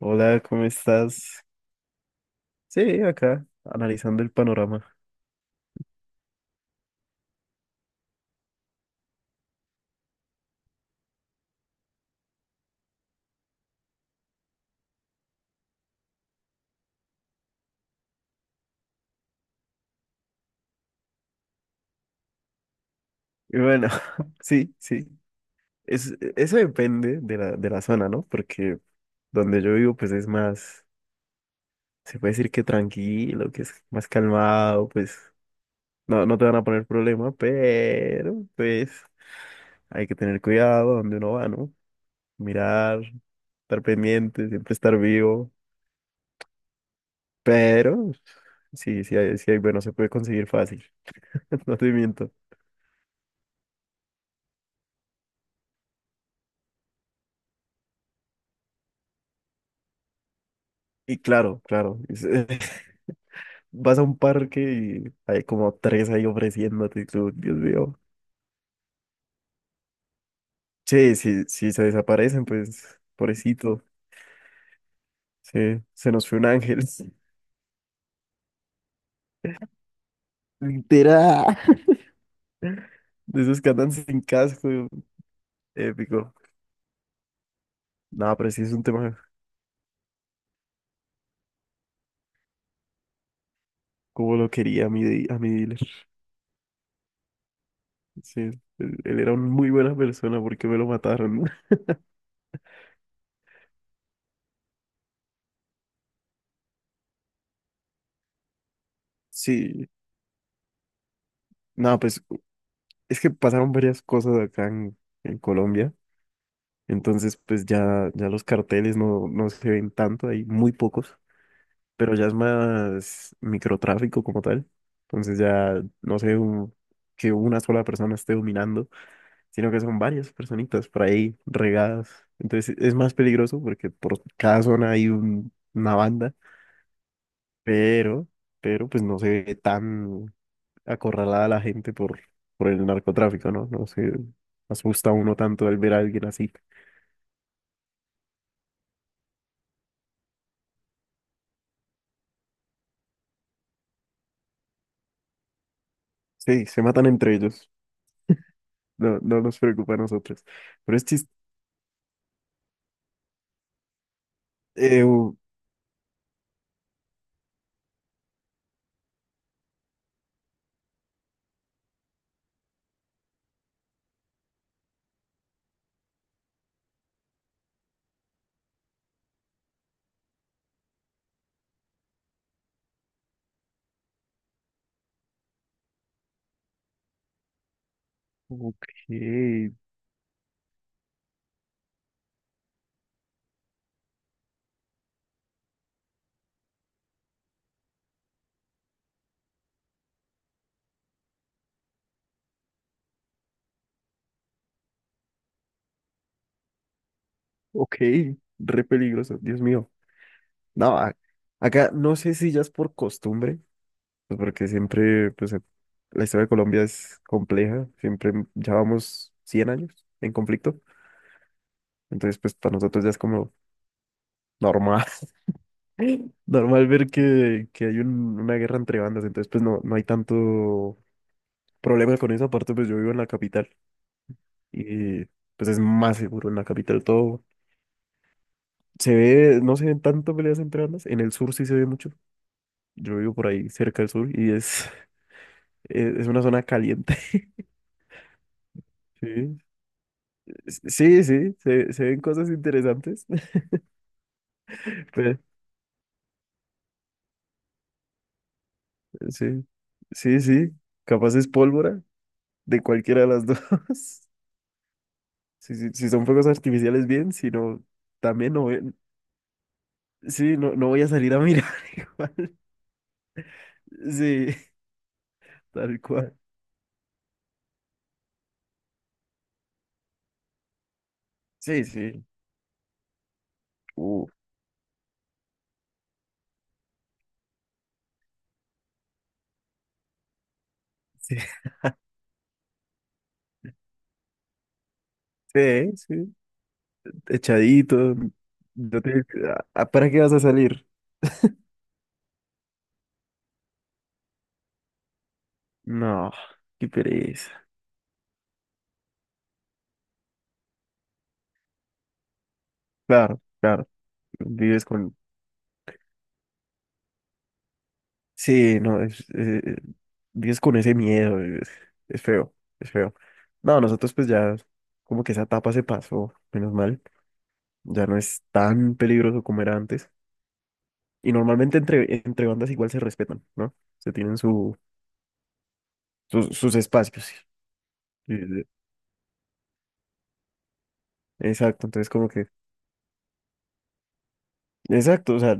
Hola, ¿cómo estás? Sí, acá, analizando el panorama. Y bueno, sí, sí. Eso depende de la zona, ¿no? Porque donde yo vivo, pues es más, se puede decir que tranquilo, que es más calmado, pues no te van a poner problema, pero pues hay que tener cuidado donde uno va, ¿no? Mirar, estar pendiente, siempre estar vivo. Pero sí, sí hay, bueno, se puede conseguir fácil. No te miento. Y claro, claro. Vas a un parque y hay como tres ahí ofreciéndote, y tú, Dios mío. Sí, sí, sí, se desaparecen, pues, pobrecito. Sí, se nos fue un ángel. Literal. De esos que andan sin casco, épico. No, pero sí es un tema como lo quería a a mi dealer. Sí, él era una muy buena persona porque me lo mataron. Sí, no, pues es que pasaron varias cosas acá en Colombia. Entonces, pues ya los carteles no se ven tanto, hay muy pocos. Pero ya es más microtráfico como tal. Entonces ya no sé que una sola persona esté dominando, sino que son varias personitas por ahí regadas. Entonces es más peligroso porque por cada zona hay una banda, pero, pero pues no se ve tan acorralada la gente por el narcotráfico, ¿no? No se asusta uno tanto al ver a alguien así. Sí, se matan entre ellos. No, no nos preocupa a nosotros. Pero es chiste. Eh, u- ok. Ok, re peligroso, Dios mío. No, acá no sé si ya es por costumbre, pues porque siempre, pues la historia de Colombia es compleja, siempre ya vamos 100 años en conflicto, entonces pues para nosotros ya es como normal, normal ver que hay una guerra entre bandas, entonces pues no hay tanto problema con eso, aparte pues yo vivo en la capital y pues es más seguro en la capital todo. No se ven tanto peleas entre bandas, en el sur sí se ve mucho. Yo vivo por ahí cerca del sur y es una zona caliente. Sí, sí, sí, se ven cosas interesantes. Pero, sí, sí, sí. Capaz es pólvora de cualquiera de las dos. Si son fuegos artificiales, bien, si no, también no, sí, no voy a salir a mirar igual. Sí, tal cual. Sí, sí. Uh, sí, sí, sí. Echadito. No te- ¿Para qué vas a salir? No, qué pereza. Claro, claro. Vives con... Sí, no, vives con ese miedo, es feo, es feo. No, nosotros pues ya, como que esa etapa se pasó, menos mal. Ya no es tan peligroso como era antes. Y normalmente entre bandas igual se respetan, ¿no? Se tienen su, sus sus espacios. Eh, Exacto, entonces como que... Exacto, o sea,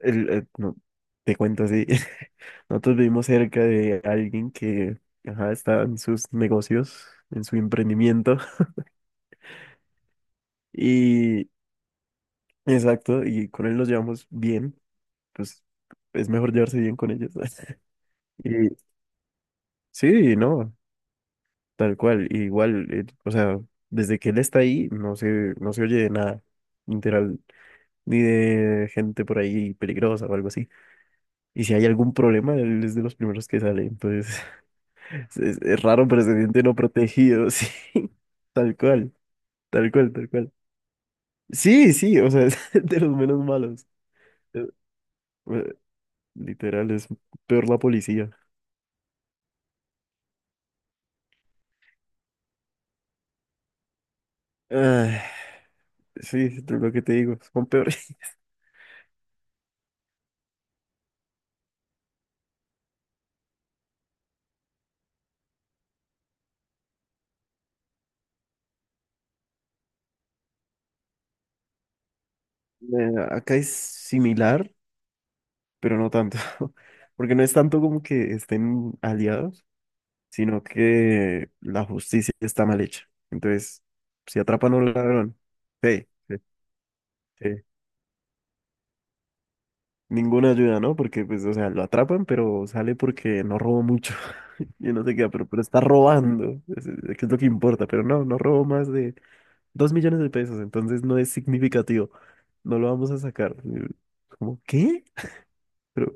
no, te cuento así. Nosotros vivimos cerca de alguien que ajá, está en sus negocios, en su emprendimiento. Y exacto, y con él nos llevamos bien. Pues es mejor llevarse bien con ellos. Y sí, no, tal cual. Igual, o sea, desde que él está ahí, no se oye de nada, literal, ni de gente por ahí peligrosa o algo así. Y si hay algún problema, él es de los primeros que sale. Entonces. Es raro, pero se siente no protegido, sí. Tal cual, tal cual, tal cual. Sí, sí, o sea, es de los menos malos. Eh, eh, Literal, es peor la policía. Ah, sí, es lo que te digo, son peores. Acá es similar, pero no tanto. Porque no es tanto como que estén aliados, sino que la justicia está mal hecha. Entonces, si atrapan a un ladrón, sí, sí, sí. Ninguna ayuda, ¿no? Porque, pues, o sea, lo atrapan, pero sale porque no robó mucho. Y no sé queda, pero está robando, que es lo que importa. Pero no robó más de 2 millones de pesos, entonces no es significativo. No lo vamos a sacar. ¿Cómo qué? Pero,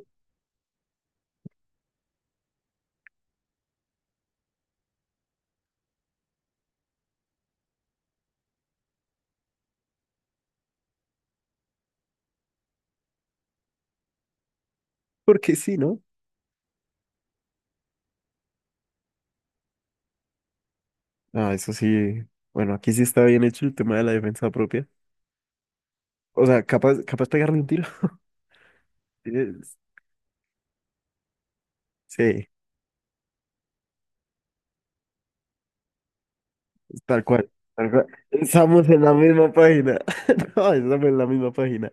Porque sí, ¿no? Ah, eso sí. Bueno, aquí sí está bien hecho el tema de la defensa propia. O sea, capaz, capaz pegarle un tiro. Es- Sí. Tal cual, tal cual. Estamos en la misma página. No, estamos en la misma página.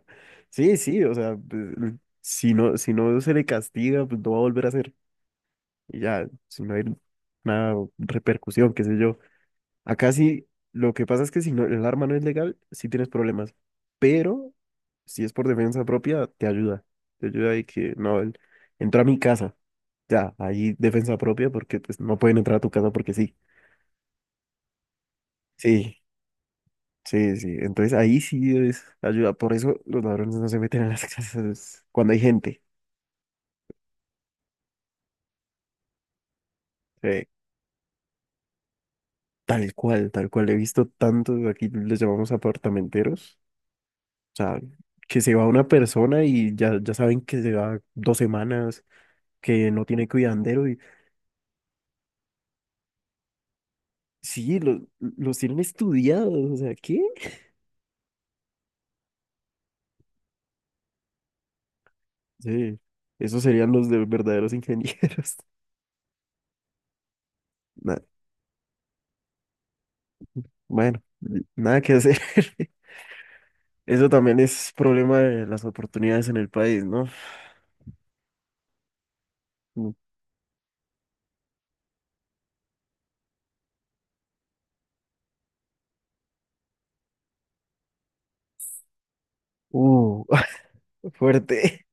Sí, sí, o sea, pues, si no, si no se le castiga, pues no va a volver a hacer. Y ya, si no hay una repercusión, qué sé yo. Acá sí, lo que pasa es que si no, el arma no es legal, sí tienes problemas. Pero si es por defensa propia, te ayuda. Te ayuda y que no, él entró a mi casa. Ya, ahí defensa propia porque pues no pueden entrar a tu casa porque sí. Sí, sí, sí, entonces ahí sí es ayuda. Por eso los ladrones no se meten a las casas cuando hay gente. Eh, Tal cual, tal cual. He visto tantos, aquí les llamamos apartamenteros. O sea, que se va una persona y ya saben que se va 2 semanas, que no tiene cuidandero. Y sí, los tienen estudiados. O sea, ¿qué? Sí, esos serían los de verdaderos ingenieros. Na- bueno, nada que hacer. Eso también es problema de las oportunidades en el país, ¿no? Mm. Uh, Fuerte.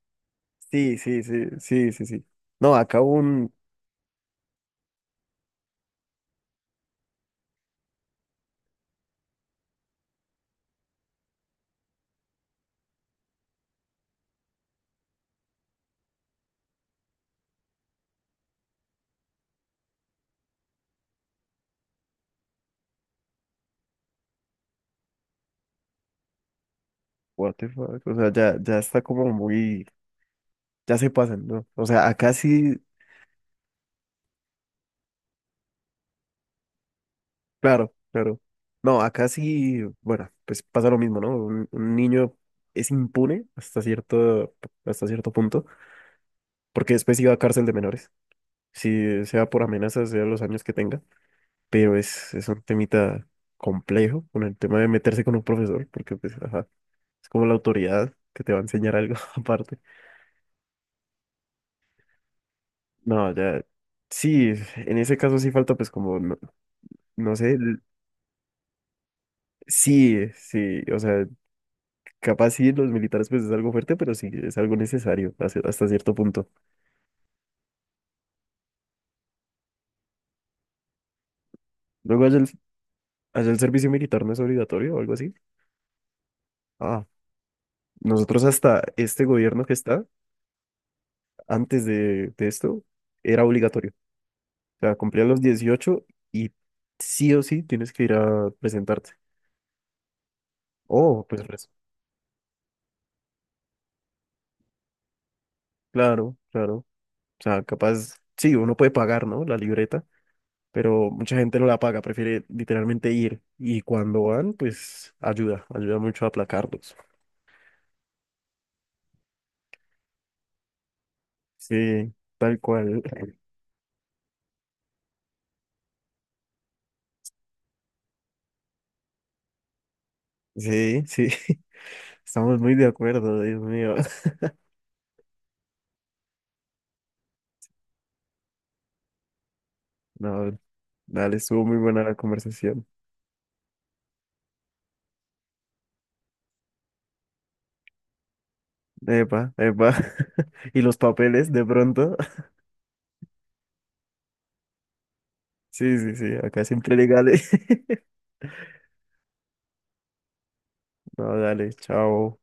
Sí, sí, sí, sí, sí, sí. No, acá un... What the fuck? O sea, ya está como muy... Ya se pasan, ¿no? O sea, acá sí, claro, claro. No, acá sí, bueno, pues pasa lo mismo, ¿no? Un niño es impune hasta cierto punto, porque después iba a cárcel de menores, si sea por amenazas, sea los años que tenga, pero es un temita complejo con el tema de meterse con un profesor, porque pues, ajá, es como la autoridad que te va a enseñar algo aparte. No, ya. Sí, en ese caso sí falta, pues, como, no, no sé. Sí, sí. O sea, capaz sí, los militares, pues, es algo fuerte, pero sí, es algo necesario hasta cierto punto. Luego, allá el servicio militar no es obligatorio o algo así. Ah, nosotros hasta este gobierno que está, antes de esto, era obligatorio. O sea, cumplían los 18 y sí o sí tienes que ir a presentarte. Oh, pues, claro, claro. O sea, capaz, sí, uno puede pagar, ¿no? La libreta, pero mucha gente no la paga, prefiere literalmente ir. Y cuando van, pues ayuda, ayuda mucho a aplacarlos. Sí, tal cual. Sí, sí, estamos muy de acuerdo, Dios mío. No, dale, estuvo muy buena la conversación. Epa, epa. ¿Y los papeles de pronto? Sí, sí, sí, acá siempre legales. No, dale, chao.